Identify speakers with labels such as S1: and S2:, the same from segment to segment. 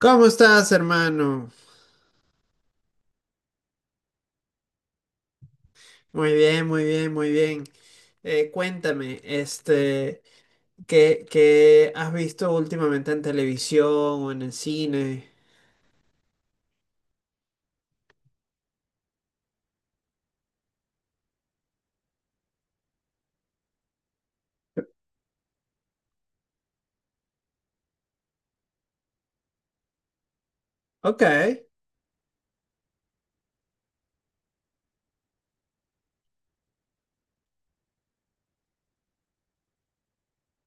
S1: ¿Cómo estás, hermano? Muy bien, muy bien, muy bien. Cuéntame, ¿qué has visto últimamente en televisión o en el cine? Ok.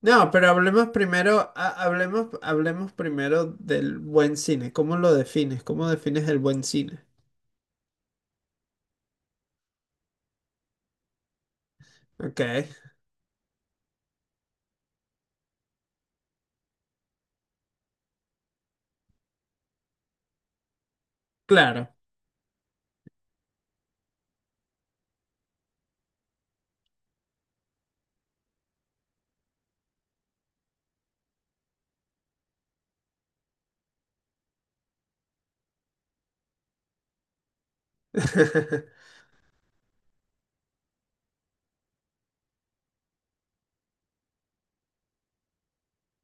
S1: No, pero hablemos primero, hablemos primero del buen cine. ¿Cómo lo defines? ¿Cómo defines el buen cine? Ok. Claro.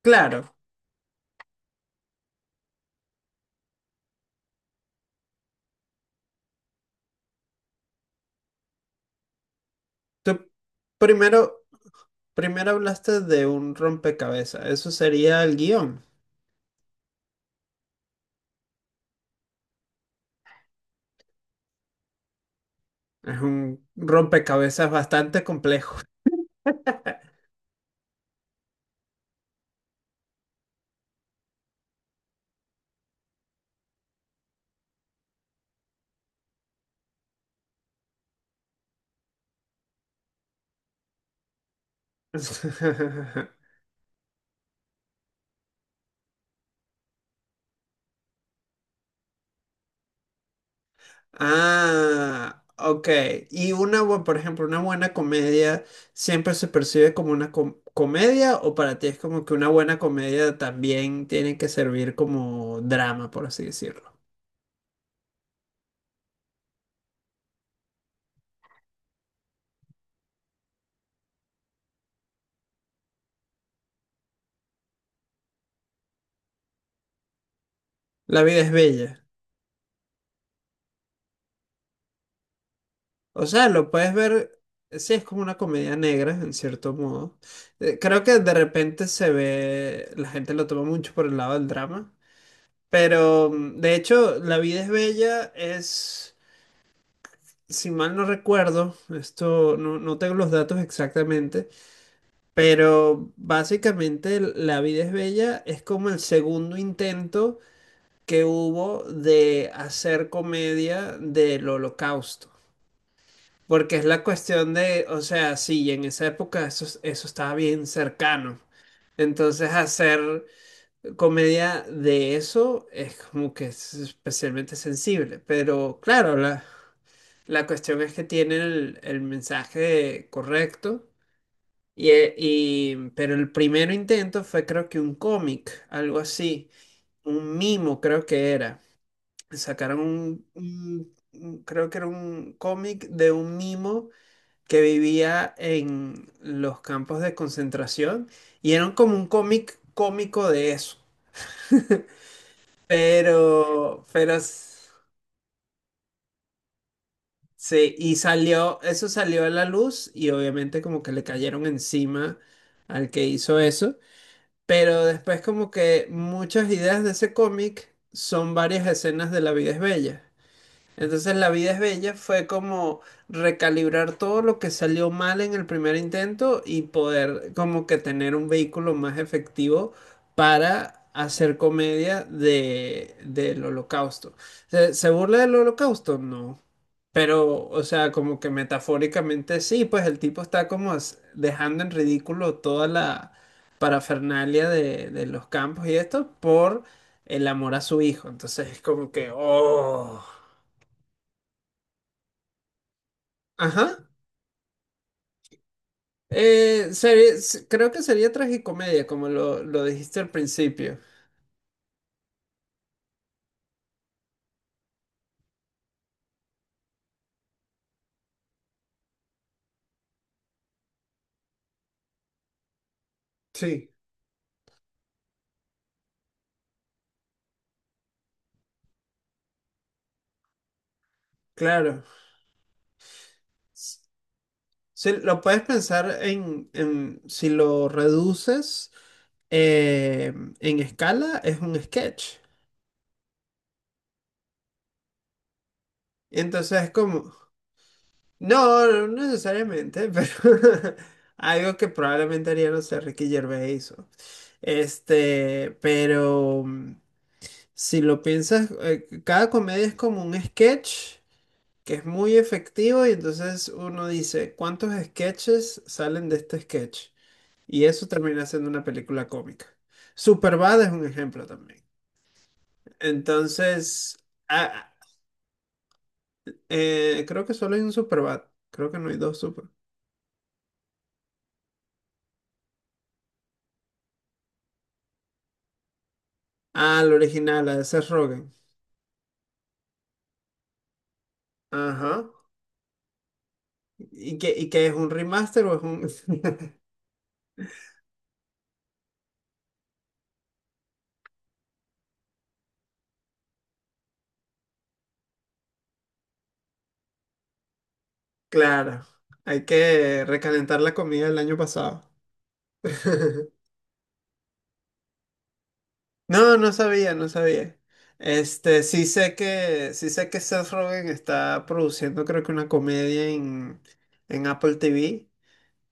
S1: Claro. Tú primero, primero hablaste de un rompecabezas. Eso sería el guión. Es un rompecabezas bastante complejo. Ah, ok. Y una, bu- por ejemplo, una buena comedia siempre se percibe como una com- comedia o para ti es como que una buena comedia también tiene que servir como drama, por así decirlo. La vida es bella. O sea, lo puedes ver, sí, es como una comedia negra, en cierto modo. Creo que de repente se ve, la gente lo toma mucho por el lado del drama. Pero de hecho, La vida es bella es, si mal no recuerdo, esto no, no tengo los datos exactamente, pero básicamente La vida es bella es como el segundo intento que hubo de hacer comedia del holocausto. Porque es la cuestión de, o sea, sí, en esa época eso, eso estaba bien cercano. Entonces hacer comedia de eso es como que es especialmente sensible, pero claro, la cuestión es que tiene el mensaje correcto, y, pero el primer intento fue creo que un cómic, algo así, un mimo creo que era, sacaron un, creo que era un cómic de un mimo que vivía en los campos de concentración y era como un cómic cómico de eso. Pero, sí, y salió, eso salió a la luz y obviamente como que le cayeron encima al que hizo eso, pero después como que muchas ideas de ese cómic son varias escenas de La vida es bella. Entonces La vida es bella fue como recalibrar todo lo que salió mal en el primer intento y poder como que tener un vehículo más efectivo para hacer comedia de, del holocausto. ¿Se, se burla del holocausto? No. Pero, o sea, como que metafóricamente sí, pues el tipo está como as- dejando en ridículo toda la parafernalia de los campos y esto por el amor a su hijo. Entonces es como que, oh. Ajá. Creo que sería tragicomedia, como lo dijiste al principio. Sí, claro. S- Sí, lo puedes pensar en si lo reduces eh, en escala, es un sketch. Entonces es como, no, no necesariamente, pero algo que probablemente haría, no sé, Ricky Gervais o- Este, pero si lo piensas, cada comedia es como un sketch que es muy efectivo y entonces uno dice, ¿cuántos sketches salen de este sketch? Y eso termina siendo una película cómica. Superbad es un ejemplo también. Entonces, ah, creo que solo hay un Superbad. Creo que no hay dos Super. Ah, el original, la de Seth Rogen. Ajá. Y qué es un remaster o es un...? Claro, hay que recalentar la comida del año pasado. No, no sabía, no sabía. Este, sí sé que Seth Rogen está produciendo, creo que una comedia en Apple TV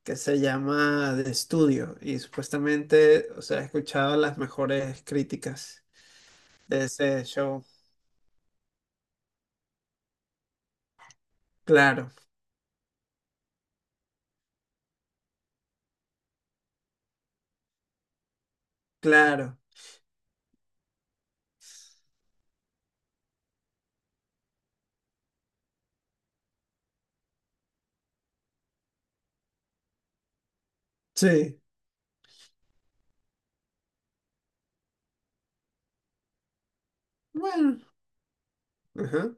S1: que se llama The Studio. Y supuestamente, o sea, he escuchado las mejores críticas de ese show. Claro, claro. Sí. Bueno. Ajá.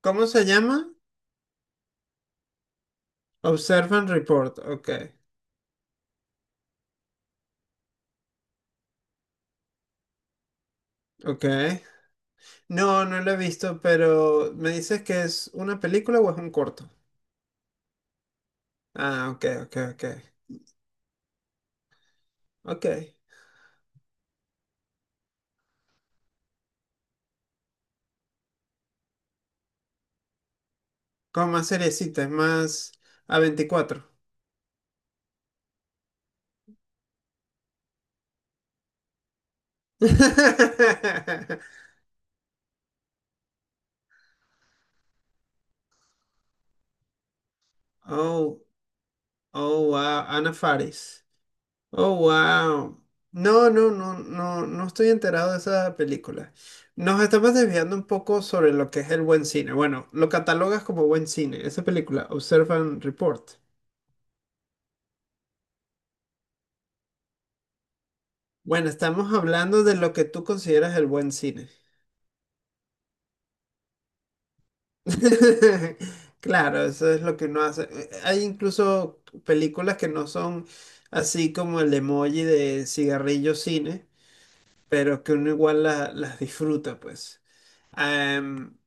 S1: ¿Cómo se llama? Observe and Report. Ok, ok. No, no lo he visto, pero ¿me dices que es una película o es un corto? Ah, ok, ok, ok. Ok. Con más seriecita, más a veinticuatro? Oh, oh, wow. Ana Faris. Oh, wow. No, no, no, no, no estoy enterado de esa película. Nos estamos desviando un poco sobre lo que es el buen cine. Bueno, lo catalogas como buen cine, esa película, Observe and Report. Bueno, estamos hablando de lo que tú consideras el buen cine. Claro, eso es lo que uno hace. Hay incluso películas que no son así como el emoji de cigarrillo cine, pero que uno igual las disfruta, pues. Am,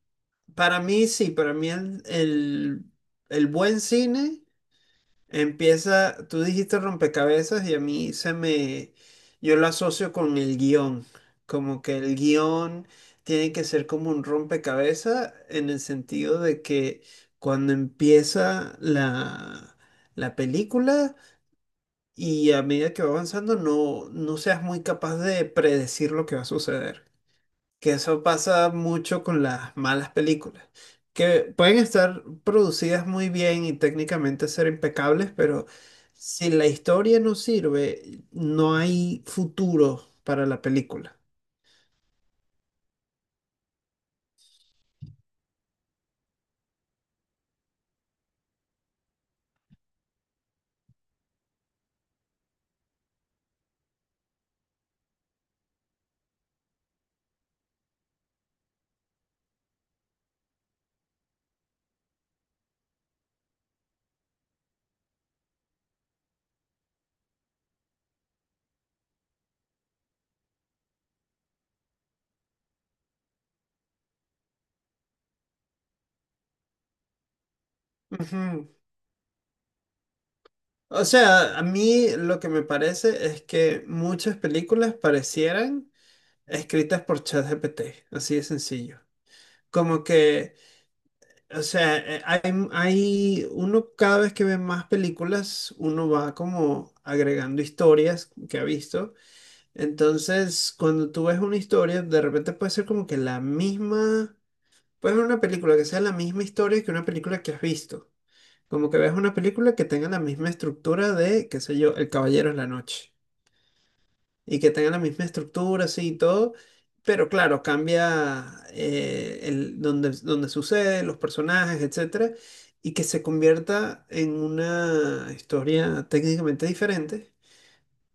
S1: para mí sí, para mí el buen cine empieza, tú dijiste rompecabezas y a mí se me, yo lo asocio con el guión, como que el guión tiene que ser como un rompecabezas en el sentido de que cuando empieza la, la película y a medida que va avanzando no, no seas muy capaz de predecir lo que va a suceder, que eso pasa mucho con las malas películas, que pueden estar producidas muy bien y técnicamente ser impecables, pero si la historia no sirve, no hay futuro para la película. Ujú. O sea, a mí lo que me parece es que muchas películas parecieran escritas por ChatGPT, así de sencillo. Como que o sea, hay, hay uno cada vez que ve más películas, uno va como agregando historias que ha visto. Entonces, cuando tú ves una historia, de repente puede ser como que la misma, puedes ver una película que sea la misma historia que una película que has visto. Como que ves una película que tenga la misma estructura de, qué sé yo, El Caballero de la Noche, y que tengan la misma estructura, sí, y todo, pero claro, cambia el, donde, donde sucede, los personajes, etcétera, y que se convierta en una historia técnicamente diferente,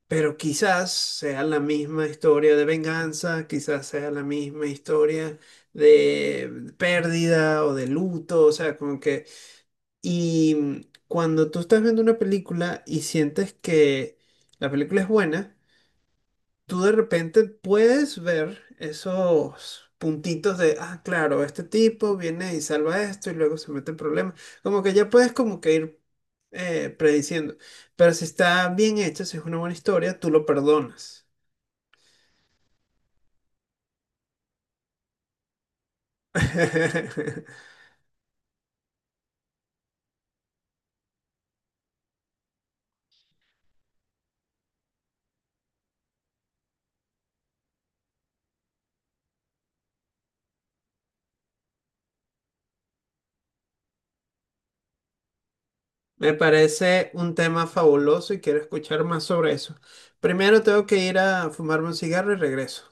S1: pero quizás sea la misma historia de venganza, quizás sea la misma historia de pérdida o de luto, o sea, como que... Y cuando tú estás viendo una película y sientes que la película es buena, tú de repente puedes ver esos puntitos de, ah, claro, este tipo viene y salva esto y luego se mete en problemas. Como que ya puedes como que ir prediciendo. Pero si está bien hecho, si es una buena historia, tú lo perdonas. Me parece un tema fabuloso y quiero escuchar más sobre eso. Primero tengo que ir a fumarme un cigarro y regreso.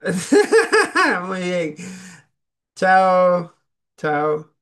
S1: Muy bien. Chao. Chao.